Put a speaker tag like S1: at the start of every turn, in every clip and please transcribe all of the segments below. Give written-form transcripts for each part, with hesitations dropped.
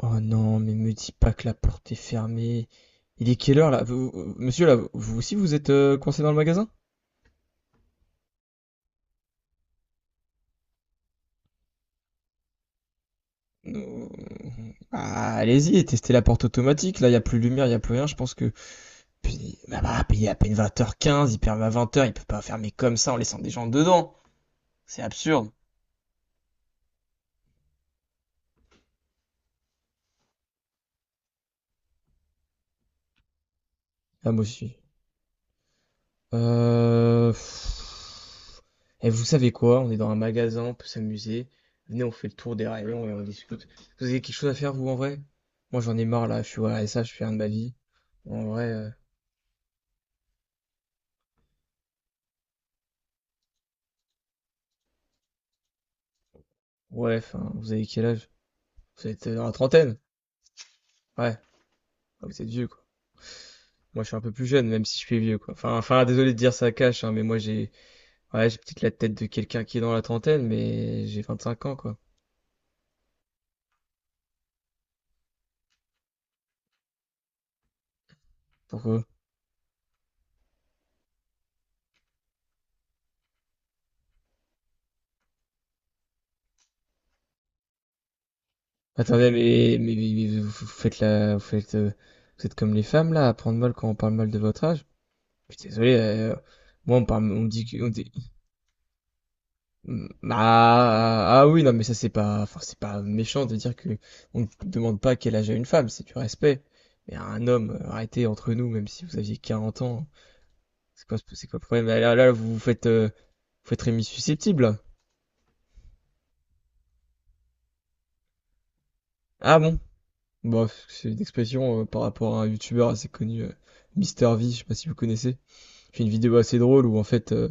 S1: Oh non, mais me dis pas que la porte est fermée. Il est quelle heure là? Monsieur là, vous aussi vous êtes coincé dans le magasin? Euh, Ah, allez-y, testez la porte automatique. Là, il y a plus de lumière, il y a plus rien. Je pense que puis puis il est à peine 20h15, il ferme à 20h, il peut pas fermer comme ça en laissant des gens dedans. C'est absurde. Ah moi aussi. Pff. Et vous savez quoi? On est dans un magasin, on peut s'amuser. Venez, on fait le tour des rayons et on discute. Vous avez quelque chose à faire, vous, en vrai? Moi, j'en ai marre, là. Je suis à ça, je fais rien de ma vie. En vrai, ouais, enfin, vous avez quel âge? Vous êtes dans la trentaine? Ouais. Ah, vous êtes vieux, quoi. Moi, je suis un peu plus jeune, même si je suis vieux, quoi. Enfin, désolé de dire ça cache, hein, mais moi, j'ai, ouais, j'ai peut-être la tête de quelqu'un qui est dans la trentaine, mais j'ai 25 ans, quoi. Pourquoi? Attendez, mais vous vous faites la, vous faites, vous êtes comme les femmes là, à prendre mal quand on parle mal de votre âge. Je suis désolé, moi on parle, on dit, on dit, mm, ah, oui, non mais ça c'est pas, enfin c'est pas méchant de dire que on ne demande pas quel âge a une femme, c'est du respect. Mais à un homme, arrêtez entre nous, même si vous aviez 40 ans, c'est quoi, c'est quoi le problème? Là, vous vous faites Rémi susceptible. Là. Ah bon? Bon, c'est une expression par rapport à un youtubeur assez connu, Mister V, je sais pas si vous connaissez. J'ai une vidéo assez drôle où en fait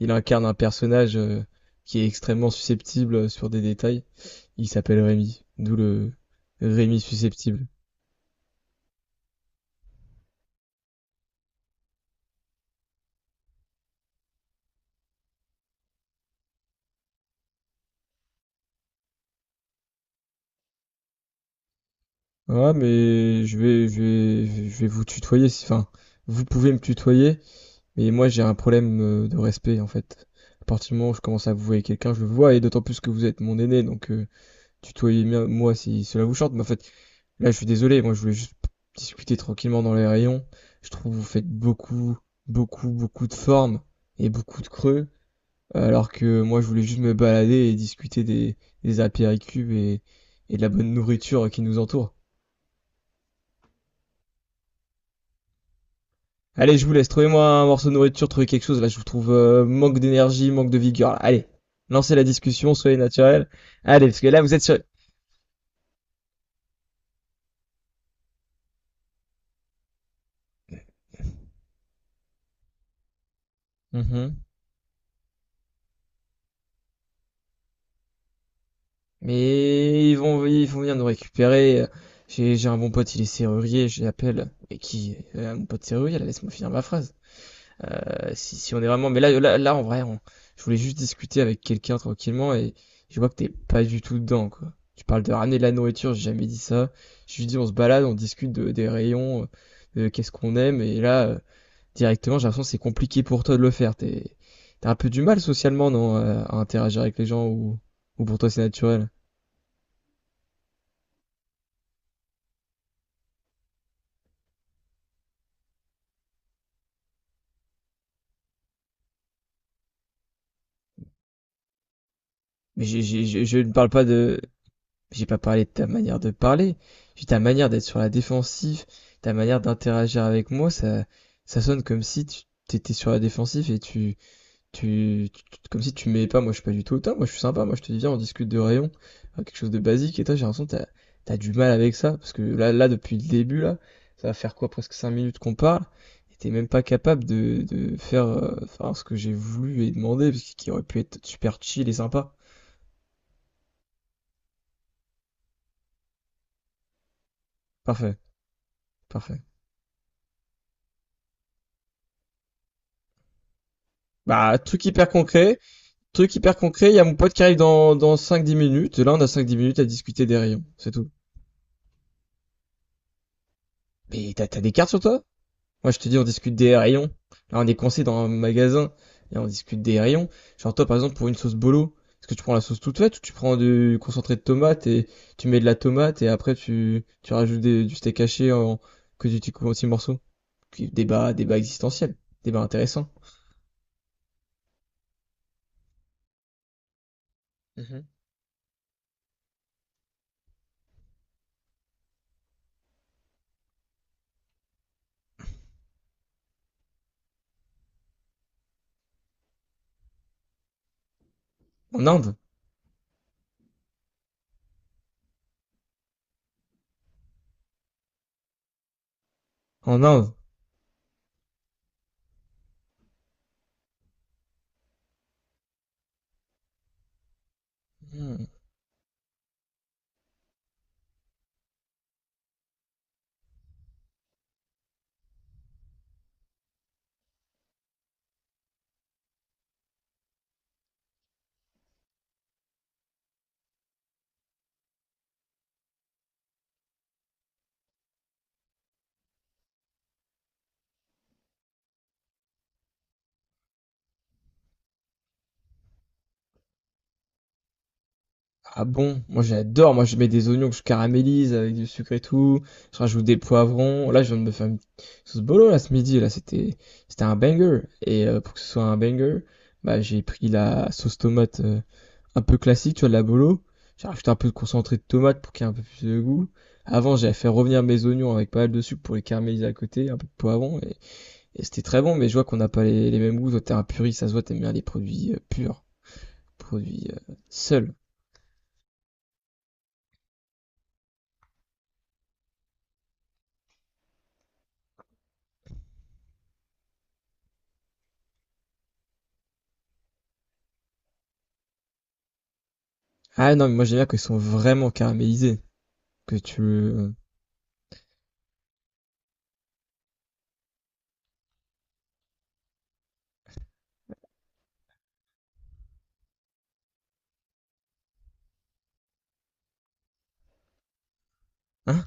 S1: il incarne un personnage qui est extrêmement susceptible sur des détails. Il s'appelle Rémi, d'où le Rémi susceptible. Ah mais je vais vous tutoyer si enfin vous pouvez me tutoyer mais moi j'ai un problème de respect en fait. À partir du moment où je commence à vous voir quelqu'un, je le vois et d'autant plus que vous êtes mon aîné donc Tutoyez-moi si cela vous chante, mais en fait, là, je suis désolé, moi, je voulais juste discuter tranquillement dans les rayons. Je trouve que vous faites beaucoup, beaucoup, beaucoup de formes et beaucoup de creux, alors que moi, je voulais juste me balader et discuter des apéricubes et de la bonne nourriture qui nous entoure. Allez, je vous laisse, trouvez-moi un morceau de nourriture, trouvez quelque chose, là, je vous trouve manque d'énergie, manque de vigueur. Là. Allez, lancez la discussion, soyez naturel. Allez, parce que là, vous êtes sur... Mhm. Mais ils vont venir nous récupérer. J'ai un bon pote, il est serrurier, je l'appelle. Et qui, mon pote serrurier, là, laisse-moi finir ma phrase. Si on est vraiment, mais là, en vrai, je voulais juste discuter avec quelqu'un tranquillement et je vois que t'es pas du tout dedans, quoi. Tu parles de ramener de la nourriture, j'ai jamais dit ça. Je lui dis, on se balade, on discute des rayons, de qu'est-ce qu'on aime, et là, directement, j'ai l'impression que c'est compliqué pour toi de le faire. T'as un peu du mal socialement, non, à interagir avec les gens ou, pour toi c'est naturel? Mais je ne parle pas de. J'ai pas parlé de ta manière de parler. J'ai ta manière d'être sur la défensive, ta manière d'interagir avec moi, ça sonne comme si tu t'étais sur la défensive et comme si tu m'aimais pas. Moi, je suis pas du tout autant. Moi, je suis sympa. Moi, je te dis, viens, on discute de rayon, quelque chose de basique. Et toi, j'ai l'impression que t'as du mal avec ça parce que là, depuis le début, là, ça va faire quoi, presque 5 minutes qu'on parle. Et t'es même pas capable de faire, faire ce que j'ai voulu et demandé, parce qu'il aurait pu être super chill et sympa. Parfait. Parfait. Bah, truc hyper concret. Truc hyper concret, il y a mon pote qui arrive dans 5-10 minutes. Là, on a 5-10 minutes à discuter des rayons. C'est tout. Mais t'as des cartes sur toi? Moi, je te dis, on discute des rayons. Là, on est coincé dans un magasin. Et on discute des rayons. Genre, toi, par exemple, pour une sauce bolo, est-ce que tu prends la sauce toute faite ou tu prends du concentré de tomate et tu mets de la tomate et après tu rajoutes du steak haché en, que tu coupes en petits morceaux? Débat, débat existentiel. Débat intéressant. Mhm. En Inde. En Inde. Hmm. Ah bon? Moi j'adore, moi je mets des oignons que je caramélise avec du sucre et tout, je rajoute des poivrons, là je viens de me faire une sauce bolo là ce midi, là c'était un banger, et pour que ce soit un banger, bah j'ai pris la sauce tomate un peu classique, tu vois, de la bolo, j'ai rajouté un peu de concentré de tomate pour qu'il y ait un peu plus de goût, avant j'avais fait revenir mes oignons avec pas mal de sucre pour les caraméliser à côté, un peu de poivron, et c'était très bon, mais je vois qu'on n'a pas les mêmes goûts, toi t'es un puriste, ça se voit t'aimes bien les produits purs, produits seuls. Ah non, mais moi j'aime bien qu'ils sont vraiment caramélisés, que tu le... Hein?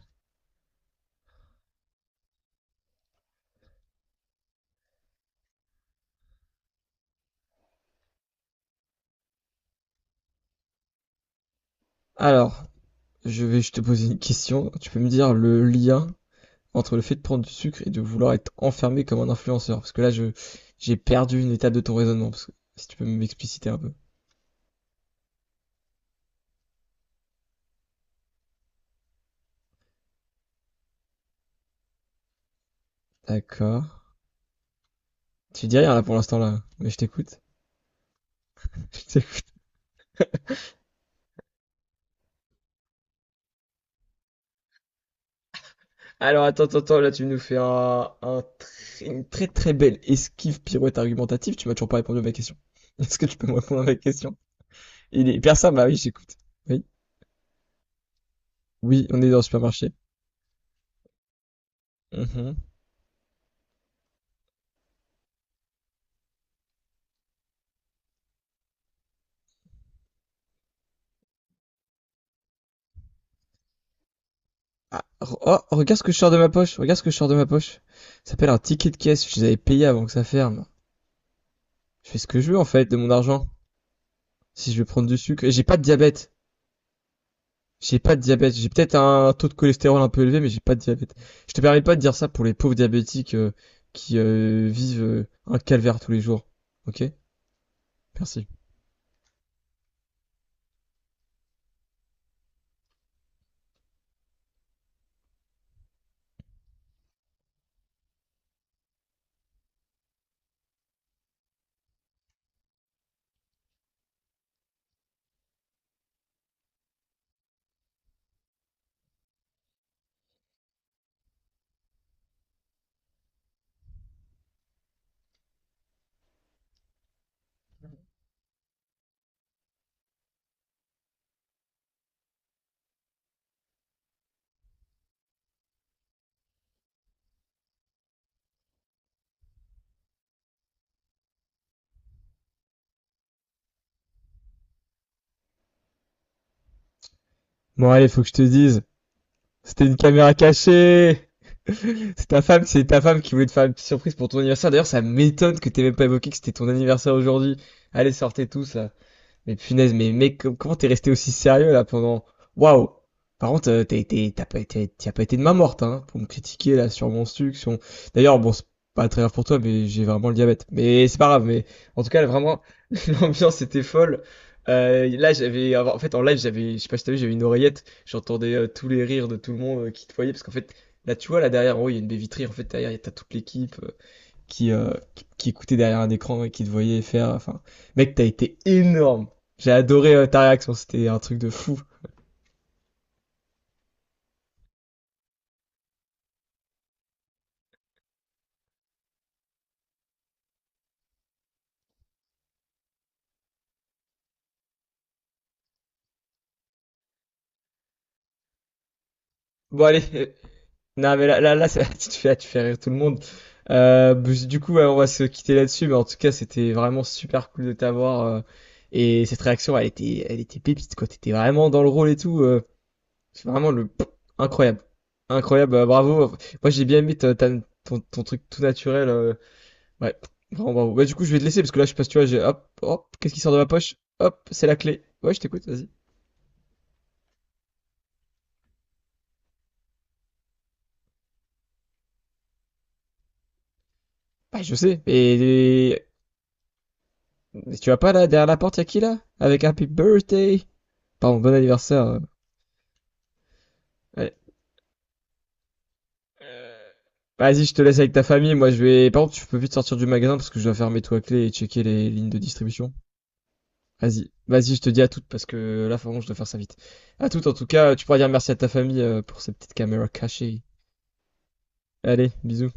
S1: Alors, je vais juste te poser une question. Tu peux me dire le lien entre le fait de prendre du sucre et de vouloir être enfermé comme un influenceur? Parce que là, je j'ai perdu une étape de ton raisonnement, parce que si tu peux m'expliciter un peu. D'accord. Tu dis rien là pour l'instant là, mais je t'écoute. Je t'écoute. Alors attends, attends, attends, là tu nous fais une très très belle esquive pirouette argumentative, tu m'as toujours pas répondu à ma question. Est-ce que tu peux me répondre à ma question? Il est hyper simple, bah oui, j'écoute. Oui. Oui, on est dans le supermarché. Mhm. Ah, oh, regarde ce que je sors de ma poche. Regarde ce que je sors de ma poche. Ça s'appelle un ticket de caisse. Je les avais payés avant que ça ferme. Je fais ce que je veux en fait de mon argent. Si je veux prendre du sucre. Et j'ai pas de diabète. J'ai pas de diabète. J'ai peut-être un taux de cholestérol un peu élevé, mais j'ai pas de diabète. Je te permets pas de dire ça pour les pauvres diabétiques qui vivent un calvaire tous les jours. Ok? Merci. Bon allez, faut que je te dise. C'était une caméra cachée! C'est ta femme qui voulait te faire une petite surprise pour ton anniversaire. D'ailleurs, ça m'étonne que t'aies même pas évoqué que c'était ton anniversaire aujourd'hui. Allez, sortez tous là. Mais punaise, mais mec, comment t'es resté aussi sérieux là pendant... Waouh! Par contre, t'as été, t'as pas été, t'y as pas été de main morte, hein, pour me critiquer là sur mon sucre, sur. D'ailleurs, bon, c'est pas très grave pour toi, mais j'ai vraiment le diabète. Mais c'est pas grave, mais en tout cas, là, vraiment, l'ambiance était folle. Là, j'avais, en fait, en live, j'avais, je sais pas si t'as vu, j'avais une oreillette, j'entendais tous les rires de tout le monde qui te voyait, parce qu'en fait, là, tu vois, là derrière, en haut, il y a une baie vitrée, en fait, derrière, t'as toute l'équipe. Qui écoutait derrière un écran et qui te voyait faire. Enfin, mec, t'as été énorme. J'ai adoré ta réaction, c'était un truc de fou. Bon, allez, non, mais là, tu fais rire tout le monde. Bah, du coup, ouais, on va se quitter là-dessus, mais en tout cas, c'était vraiment super cool de t'avoir. Et cette réaction, elle était pépite, quoi. T'étais vraiment dans le rôle et tout. C'est vraiment le incroyable, incroyable. Bravo. Moi, j'ai bien aimé ton truc tout naturel. Ouais, grand bravo. Bah, du coup, je vais te laisser parce que là, je passe, tu vois, qu'est-ce qui sort de ma poche? Hop, c'est la clé. Ouais, je t'écoute, vas-y. Bah, je sais. Et tu vas pas là, derrière la porte, y'a qui là? Avec Happy Birthday. Pardon, bon anniversaire. Allez. Vas-y, je te laisse avec ta famille. Moi, je vais. Par contre, tu peux vite sortir du magasin parce que je dois fermer tout à clé et checker les lignes de distribution. Vas-y, vas-y, je te dis à toutes parce que là, vraiment, je dois faire ça vite. À toutes, en tout cas, tu pourras dire merci à ta famille pour cette petite caméra cachée. Allez, bisous.